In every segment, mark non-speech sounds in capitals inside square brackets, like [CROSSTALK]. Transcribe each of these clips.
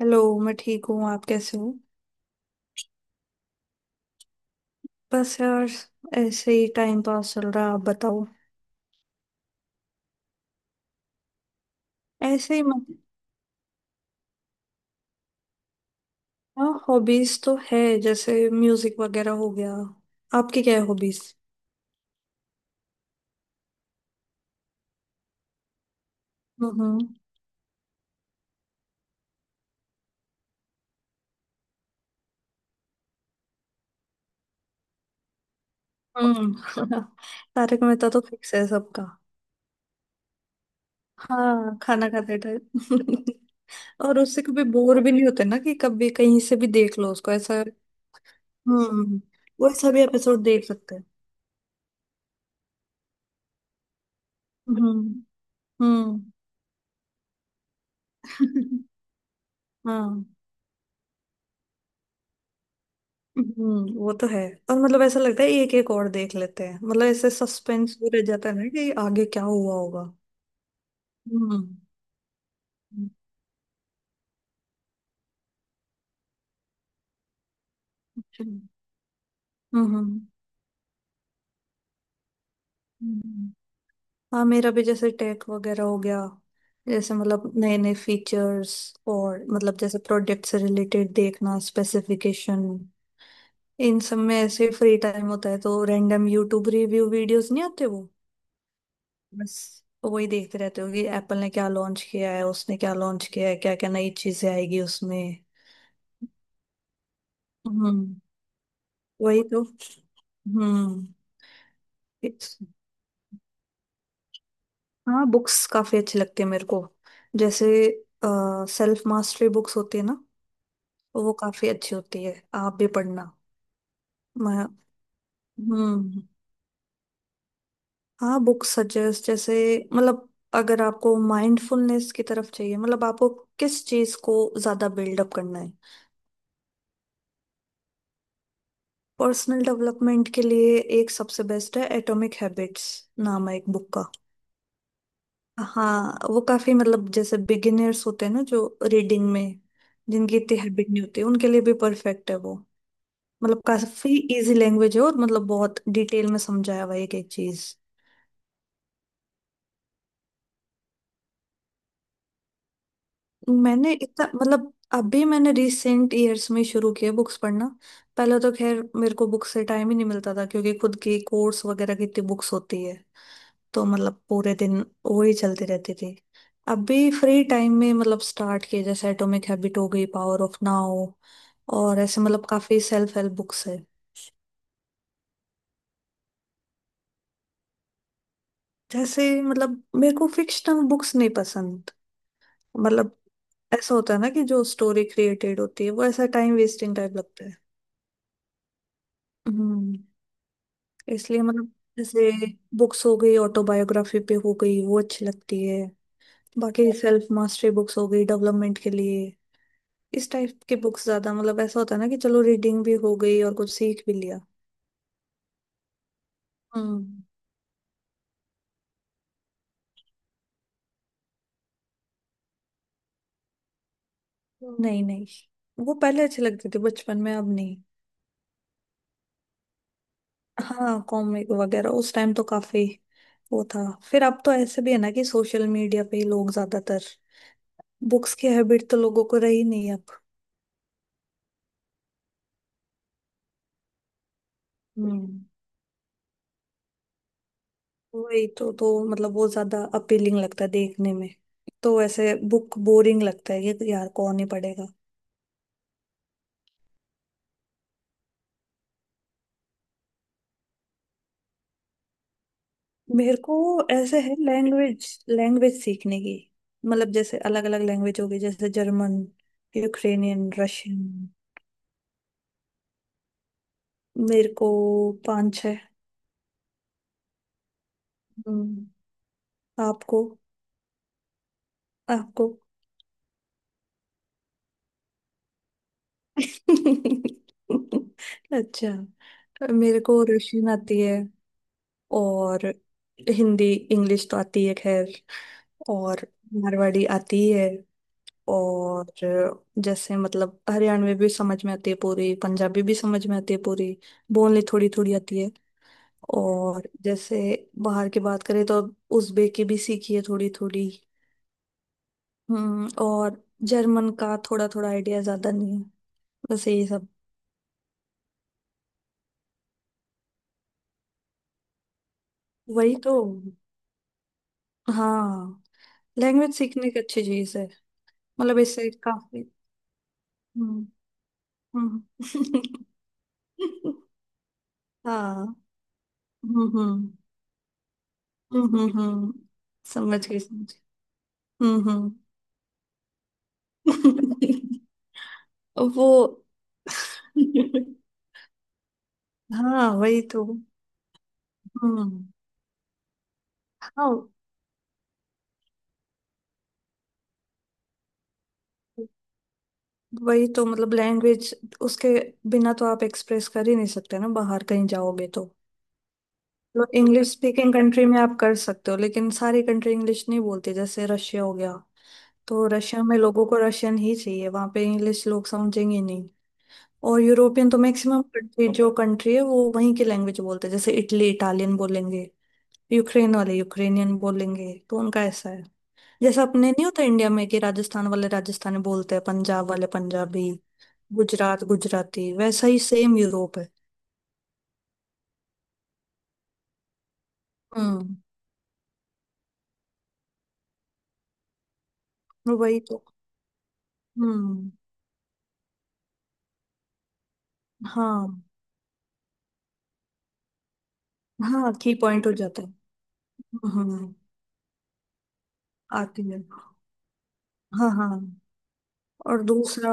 Hello, मैं ठीक हूँ। आप कैसे हो? बस यार, ऐसे ही टाइम पास चल रहा है। आप बताओ। ऐसे ही मतलब, हाँ हॉबीज तो है जैसे म्यूजिक वगैरह हो गया। आपकी क्या है हॉबीज? हम्म। हम्म। [LAUGHS] तारक मेहता तो फिक्स है सबका। हाँ, खाना खाते टाइम [LAUGHS] और उससे कभी बोर भी नहीं होते ना कि कभी कहीं से भी देख लो उसको, ऐसा। हम्म, वो ऐसा भी एपिसोड देख सकते हैं। हम्म। हम्म। [LAUGHS] हाँ। हम्म, वो तो है। और मतलब ऐसा लगता है एक एक और देख लेते हैं। मतलब ऐसे सस्पेंस भी रह जाता है ना कि आगे क्या हुआ होगा। हम्म। हम्म। हम्म हम्म। हाँ, मेरा भी जैसे टेक वगैरह हो गया। जैसे मतलब नए नए फीचर्स और मतलब जैसे प्रोडक्ट से रिलेटेड देखना, स्पेसिफिकेशन, इन सब में। ऐसे फ्री टाइम होता है तो रैंडम यूट्यूब रिव्यू वीडियोस नहीं आते वो, बस वही देखते रहते हो कि एप्पल ने क्या लॉन्च किया है, उसने क्या लॉन्च किया है, क्या क्या नई चीजें आएगी उसमें। हम्म। वही तो। हम्म। it's- हाँ, बुक्स काफी अच्छी लगती है मेरे को। जैसे सेल्फ मास्टरी बुक्स होती है ना, तो वो काफी अच्छी होती है। आप भी पढ़ना। मैं, हम्म, हाँ बुक्स सजेस्ट जैसे मतलब, अगर आपको माइंडफुलनेस की तरफ चाहिए मतलब आपको किस चीज को ज्यादा बिल्डअप करना है। पर्सनल डेवलपमेंट के लिए एक सबसे बेस्ट है एटॉमिक हैबिट्स। नाम है एक बुक का। हाँ, वो काफी मतलब जैसे बिगिनर्स होते हैं ना जो रीडिंग में, जिनकी इतनी हैबिट नहीं होती, उनके लिए भी परफेक्ट है वो। मतलब काफी इजी लैंग्वेज है और मतलब बहुत डिटेल में समझाया हुआ है एक एक चीज। मैंने इतना मतलब, अभी मैंने रिसेंट ईयर्स में शुरू किया बुक्स पढ़ना। पहले तो खैर मेरे को बुक्स से टाइम ही नहीं मिलता था क्योंकि खुद की कोर्स वगैरह की इतनी बुक्स होती है, तो मतलब पूरे दिन वो ही चलती रहती थी। अब भी फ्री टाइम में मतलब स्टार्ट किए, जैसे एटॉमिक हैबिट हो गई, पावर ऑफ नाउ और ऐसे मतलब काफी सेल्फ हेल्प बुक्स है। जैसे मतलब मेरे को फिक्शनल बुक्स नहीं पसंद। मतलब ऐसा होता है ना कि जो स्टोरी क्रिएटेड होती है वो ऐसा टाइम वेस्टिंग टाइप लगता है। हम्म। इसलिए मतलब जैसे बुक्स हो गई ऑटोबायोग्राफी पे, हो गई वो अच्छी लगती है। बाकी सेल्फ मास्टरी बुक्स हो गई डेवलपमेंट के लिए, इस टाइप के बुक्स ज्यादा। मतलब ऐसा होता है ना कि चलो रीडिंग भी हो गई और कुछ सीख भी लिया। हम्म। नहीं नहीं, वो पहले अच्छे लगते थे बचपन में, अब नहीं। हाँ कॉमिक वगैरह उस टाइम तो काफी वो था। फिर अब तो ऐसे भी है ना कि सोशल मीडिया पे ही लोग ज्यादातर, बुक्स की हैबिट तो लोगों को रही नहीं अब। हम्म। वही तो मतलब वो ज्यादा अपीलिंग लगता है देखने में, तो ऐसे बुक बोरिंग लगता है कि यार कौन ही पढ़ेगा। मेरे को ऐसे है लैंग्वेज, लैंग्वेज सीखने की। मतलब जैसे अलग अलग लैंग्वेज होगी जैसे जर्मन, यूक्रेनियन, रशियन। मेरे को पांच छः। हम्म। आपको, आपको [LAUGHS] अच्छा, मेरे को रशियन आती है और हिंदी इंग्लिश तो आती है खैर, और मारवाड़ी आती है। और जैसे मतलब हरियाणवी भी समझ में आती है पूरी, पंजाबी भी समझ में आती है पूरी, बोलनी थोड़ी थोड़ी आती है। और जैसे बाहर की बात करें तो उज़्बेक भी सीखी है थोड़ी थोड़ी। हम्म। और जर्मन का थोड़ा थोड़ा आइडिया, ज्यादा नहीं है। बस यही सब। वही तो। हाँ, लैंग्वेज सीखने की अच्छी चीज है। मतलब इससे काफी। हम्म। हम्म। [LAUGHS] हाँ। हम्म। हम्म। हम्म। हम्म। समझ गई, समझ गई। हम्म। हम्म। [LAUGHS] वो, हाँ वही तो। हम्म। हाँ, वही तो। मतलब लैंग्वेज उसके बिना तो आप एक्सप्रेस कर ही नहीं सकते ना, बाहर कहीं जाओगे तो। मतलब इंग्लिश स्पीकिंग कंट्री में आप कर सकते हो, लेकिन सारी कंट्री इंग्लिश नहीं बोलती। जैसे रशिया हो गया, तो रशिया में लोगों को रशियन ही चाहिए, वहां पे इंग्लिश लोग समझेंगे नहीं। और यूरोपियन तो मैक्सिमम कंट्री, जो कंट्री है वो वहीं की लैंग्वेज बोलते हैं। जैसे इटली इटालियन बोलेंगे, यूक्रेन वाले यूक्रेनियन बोलेंगे, तो उनका ऐसा है। जैसे अपने नहीं होता इंडिया में कि राजस्थान वाले राजस्थानी बोलते हैं, पंजाब वाले पंजाबी, गुजरात गुजराती। वैसा ही सेम यूरोप है। हम्म। वही तो। हम्म। हाँ, हाँ की पॉइंट हो जाता है। हम्म, आती है। हाँ हाँ। और दूसरा,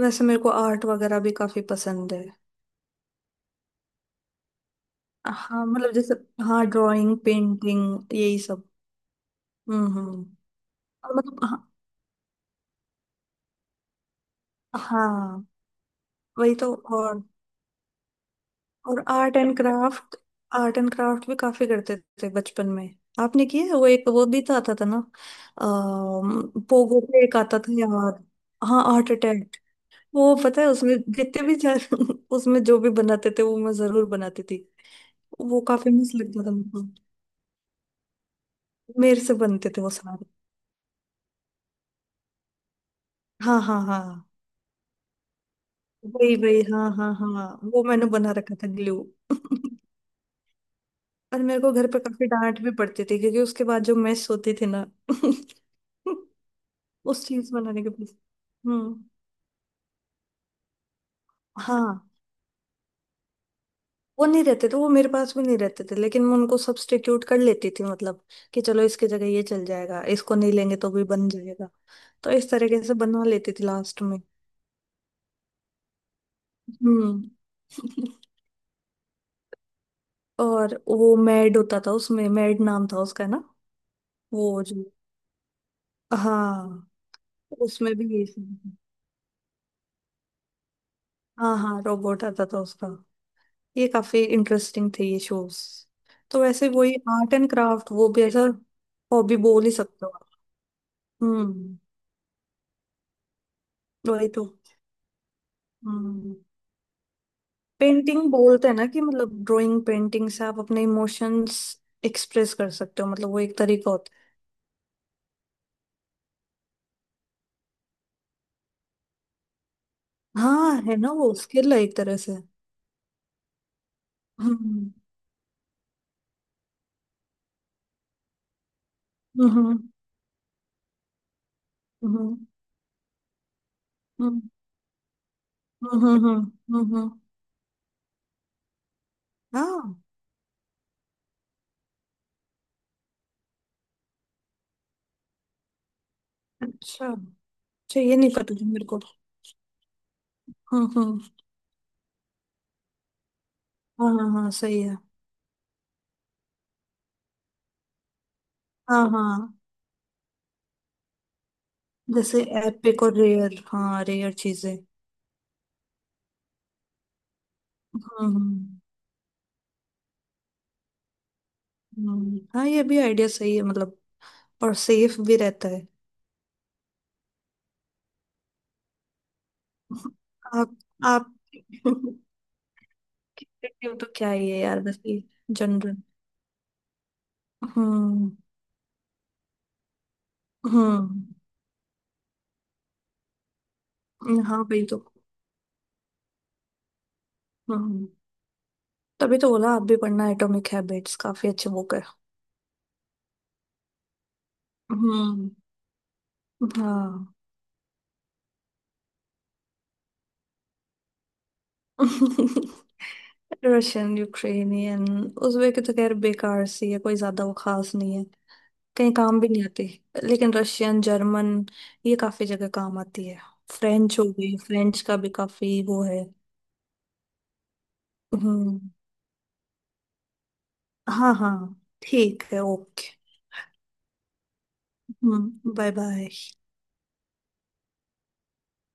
वैसे मेरे को आर्ट वगैरह भी काफी पसंद है। हाँ मतलब जैसे, हाँ ड्राइंग पेंटिंग यही सब। हम्म। हम्म। और मतलब हाँ। हाँ। वही तो। और art and craft, art and craft भी काफी करते थे बचपन में। आपने किया है वो, एक वो भी तो आता था ना, अः पोगो पे एक आता था यार। हाँ, आर्ट अटैक। वो पता है उसमें जितने भी [LAUGHS] उसमें जो भी बनाते थे वो मैं जरूर बनाती थी। वो काफी मिस लगता था मुझको, मेरे से बनते थे वो सारे। हाँ हाँ हाँ, वही वही, हाँ हाँ हाँ, वो मैंने बना रखा था ग्लू। [LAUGHS] और मेरे को घर पे काफी डांट भी पड़ती थी क्योंकि उसके बाद जो मेस होती थी ना [LAUGHS] उस चीज बनाने के पीछे। हम्म, हाँ। वो नहीं रहते थे, वो मेरे पास भी नहीं रहते थे, लेकिन मैं उनको सब्स्टिट्यूट कर लेती थी मतलब, कि चलो इसकी जगह ये चल जाएगा, इसको नहीं लेंगे तो भी बन जाएगा। तो इस तरीके से बनवा लेती थी लास्ट में। हम्म। और वो मैड होता था, उसमें मैड नाम था उसका ना। वो जो, हाँ। उसमें भी ये सब था। हाँ हाँ, रोबोट आता था उसका। ये काफी इंटरेस्टिंग थे ये शोज। तो वैसे वही आर्ट एंड क्राफ्ट, वो भी ऐसा हॉबी बोल ही सकते हो आप। हम्म। वही तो। हम्म। पेंटिंग बोलते हैं ना कि मतलब ड्राइंग पेंटिंग से आप अपने इमोशंस एक्सप्रेस कर सकते हो। मतलब वो एक तरीका होता है। हाँ, है ना, वो स्किल है एक तरह से। हम्म। हम्म। हम्म। हम्म। हम्म। हम्म। हम्म। हम्म, हम्म, हम्म। हाँ। अच्छा, अच्छा, ये नहीं पता था मेरे को। हम्म। हम्म। हाँ हाँ हाँ, सही है। हाँ हाँ, जैसे एपिक और रेयर, हाँ रेयर चीजें। हम्म। हम्म। हाँ ये भी आइडिया सही है मतलब, और सेफ भी रहता है। आप आप [LAUGHS] क्रिकेट हो तो क्या ही है यार, बस ये जनरल। हम्म। हम्म। हाँ भाई, तो हम्म, तभी तो बोला आप भी पढ़ना एटॉमिक हैबिट्स, काफी अच्छे बुक है। हम्म। हाँ। [LAUGHS] Russian, Ukrainian. उज़्बेक की तो खैर बेकार सी है, कोई ज्यादा वो खास नहीं है, कहीं काम भी नहीं आती। लेकिन रशियन, जर्मन, ये काफी जगह काम आती है। फ्रेंच हो गई, फ्रेंच का भी काफी वो है। हम्म। हाँ हाँ, ठीक है, ओके। हम्म, बाय बाय।